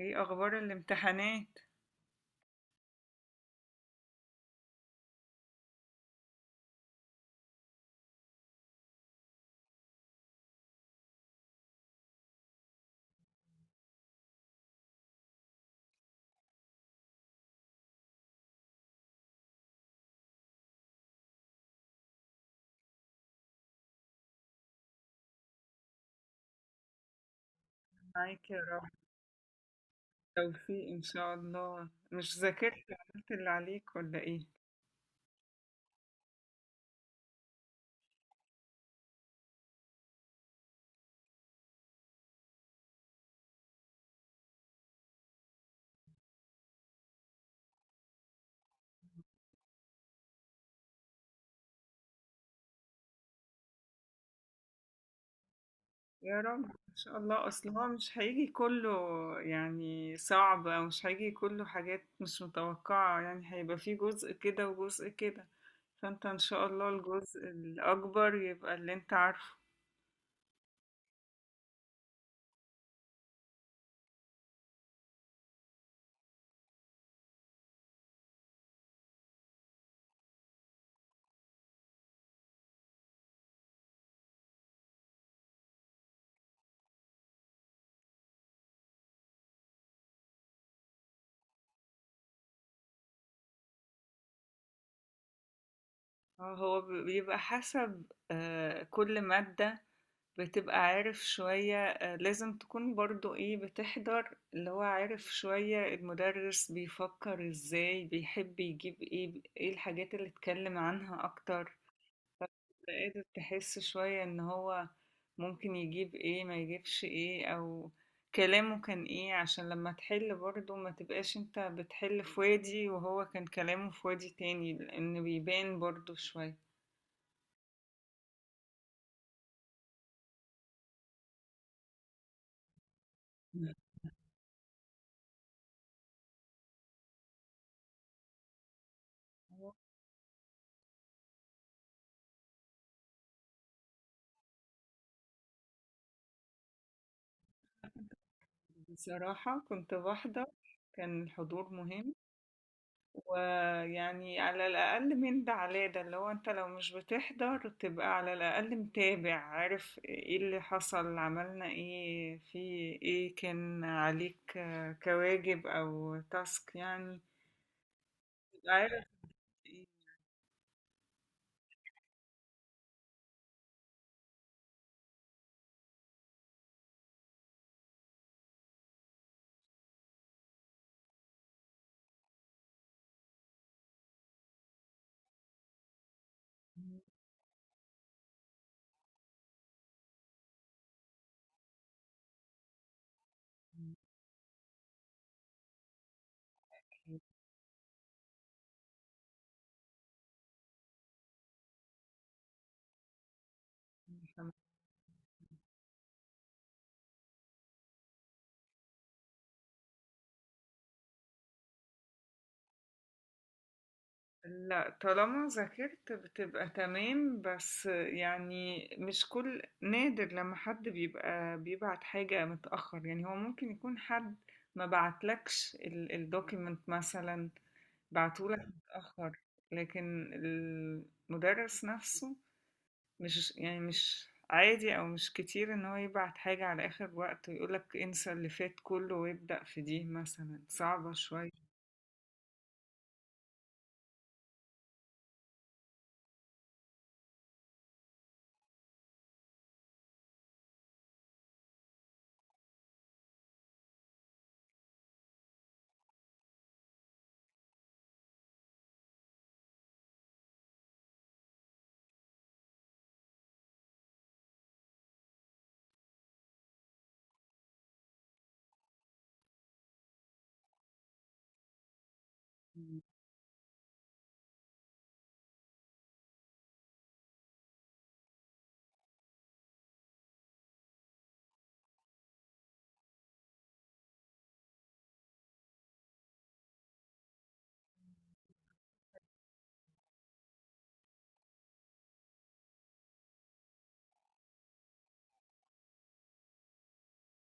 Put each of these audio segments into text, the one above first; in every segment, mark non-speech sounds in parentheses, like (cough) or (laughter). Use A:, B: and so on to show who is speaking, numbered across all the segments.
A: ايه اخبار الامتحانات؟ معاك يا رب توفيق ان شاء الله. مش ذاكرت عملت اللي عليك ولا ايه؟ يا رب ان شاء الله. اصل هو مش هيجي كله، يعني صعب او مش هيجي كله، حاجات مش متوقعة، يعني هيبقى فيه جزء كده وجزء كده. فانت ان شاء الله الجزء الاكبر يبقى اللي انت عارفه. هو بيبقى حسب، كل مادة بتبقى عارف شوية، لازم تكون برضو ايه، بتحضر اللي هو عارف شوية المدرس بيفكر ازاي، بيحب يجيب ايه الحاجات اللي اتكلم عنها اكتر. قادر تحس شوية ان هو ممكن يجيب ايه ما يجيبش ايه، او كلامه كان ايه، عشان لما تحل برضو ما تبقاش انت بتحل في وادي وهو كان كلامه في وادي تاني، لان بيبان برضو شوية. بصراحة كنت بحضر، كان الحضور مهم. ويعني على الأقل من ده على ده، اللي هو أنت لو مش بتحضر تبقى على الأقل متابع، عارف ايه اللي حصل، عملنا ايه في ايه، كان عليك كواجب أو تاسك يعني، تبقى عارف ايه. لا، طالما ذاكرت بتبقى تمام، بس يعني مش كل نادر لما حد بيبقى بيبعت حاجة متأخر، يعني هو ممكن يكون حد ما بعتلكش الدوكيمنت مثلا، بعتولك متأخر. لكن المدرس نفسه، مش يعني مش عادي او مش كتير ان هو يبعت حاجة على اخر وقت ويقولك انسى اللي فات كله وابدأ في دي، مثلا صعبة شوية.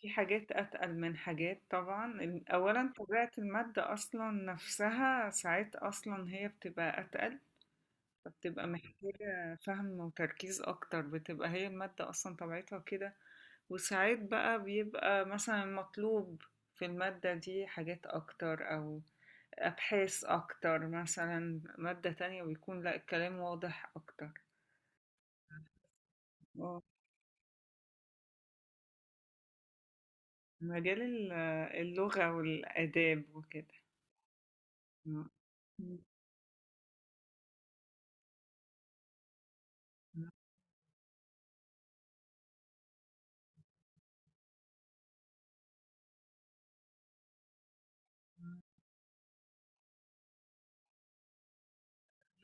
A: في حاجات اتقل من حاجات طبعا، اولا طبيعة المادة اصلا نفسها ساعات اصلا هي بتبقى اتقل، فبتبقى محتاجة فهم وتركيز أكتر، بتبقى هي المادة أصلا طبيعتها كده. وساعات بقى بيبقى مثلا مطلوب في المادة دي حاجات أكتر أو أبحاث أكتر، مثلا مادة تانية بيكون لأ الكلام واضح أكتر. اه. مجال اللغة والآداب وكده. م. م. م.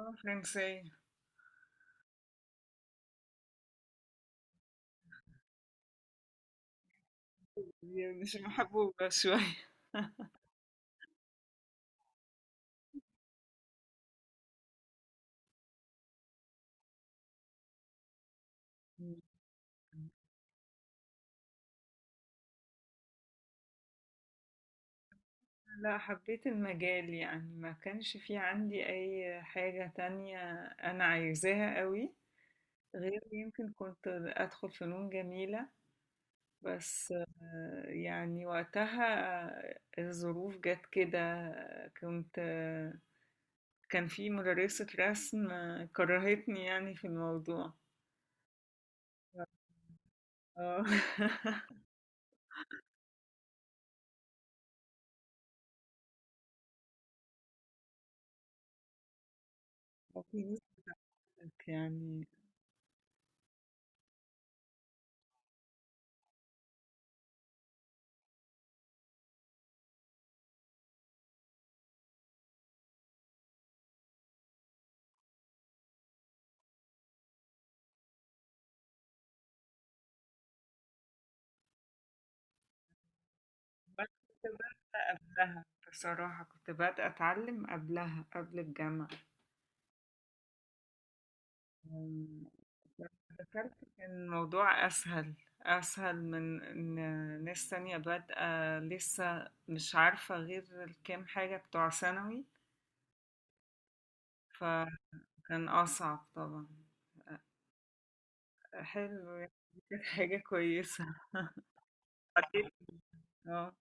A: اللغة الفرنسية دي. (laughs) مش محبوبة شوية. (laughs) م. لا، حبيت المجال، يعني ما كانش في عندي أي حاجة تانية أنا عايزاها قوي، غير يمكن كنت أدخل فنون جميلة. بس يعني وقتها الظروف جت كده. كنت كان في مدرسة رسم كرهتني يعني في الموضوع. اه. (laughs) وفي ناس يعني. بس كنت بادئة قبلها، بصراحة كنت بادئة أتعلم قبلها قبل الجامعة. إمم، لمّا ذاكرت كان الموضوع أسهل، أسهل من إن ناس تانية بادئة لسه مش عارفة غير الكام حاجة بتوع ثانوي، فكان أصعب طبعًا. حلو، يعني دي كانت حاجة كويسة. (laughs) بعدين آه،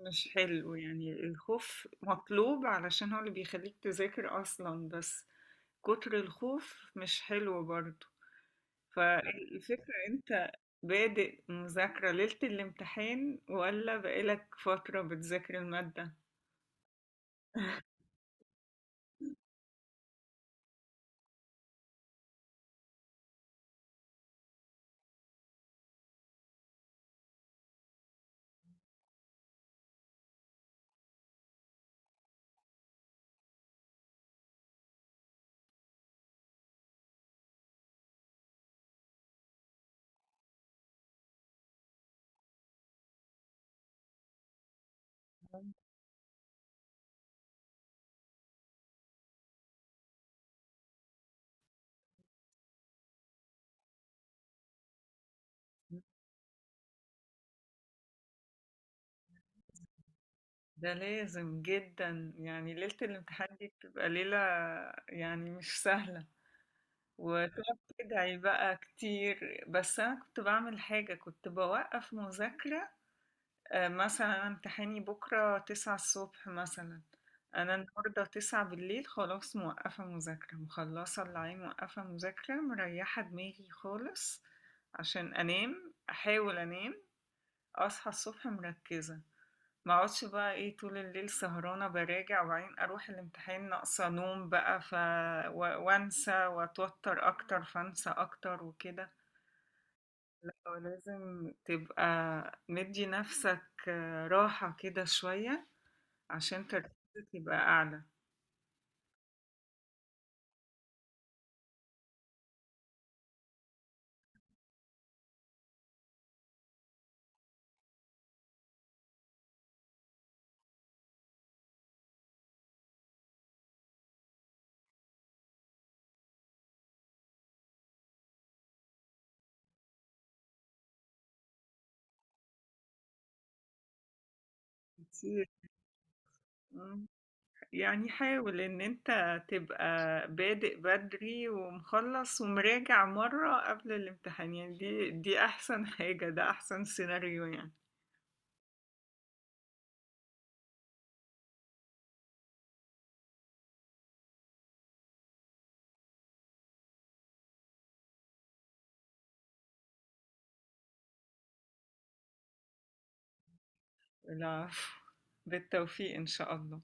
A: مش حلو، يعني الخوف مطلوب علشان هو اللي بيخلّيك تذاكر أصلًا، بس كتر الخوف مش حلو برضه. فالفكرة، انت بادئ مذاكرة ليلة الامتحان ولا بقالك فترة بتذاكر المادة؟ ده لازم جدا، يعني ليلة الامتحان دي بتبقى ليلة يعني مش سهلة. وتقعد تدعي بقى كتير، بس أنا كنت بعمل حاجة، كنت بوقف مذاكرة. مثلا امتحاني بكرة 9 الصبح مثلا، أنا النهاردة 9 بالليل خلاص موقفة مذاكرة، مخلصة اللي عليه، موقفة مذاكرة، مريحة دماغي خالص عشان أنام، أحاول أنام، أصحى الصبح مركزة. مقعدش بقى ايه طول الليل سهرانة براجع، وبعدين أروح الامتحان ناقصة نوم بقى، و... وأنسى وأتوتر أكتر، فأنسى أكتر وكده. لازم تبقى مدي نفسك راحة كده شوية عشان تركيزك يبقى أعلى كتير. مم. يعني حاول إن أنت تبقى بادئ بدري ومخلص ومراجع مرة قبل الامتحان، يعني دي أحسن حاجة، ده أحسن سيناريو يعني. العفو. بالتوفيق إن شاء الله.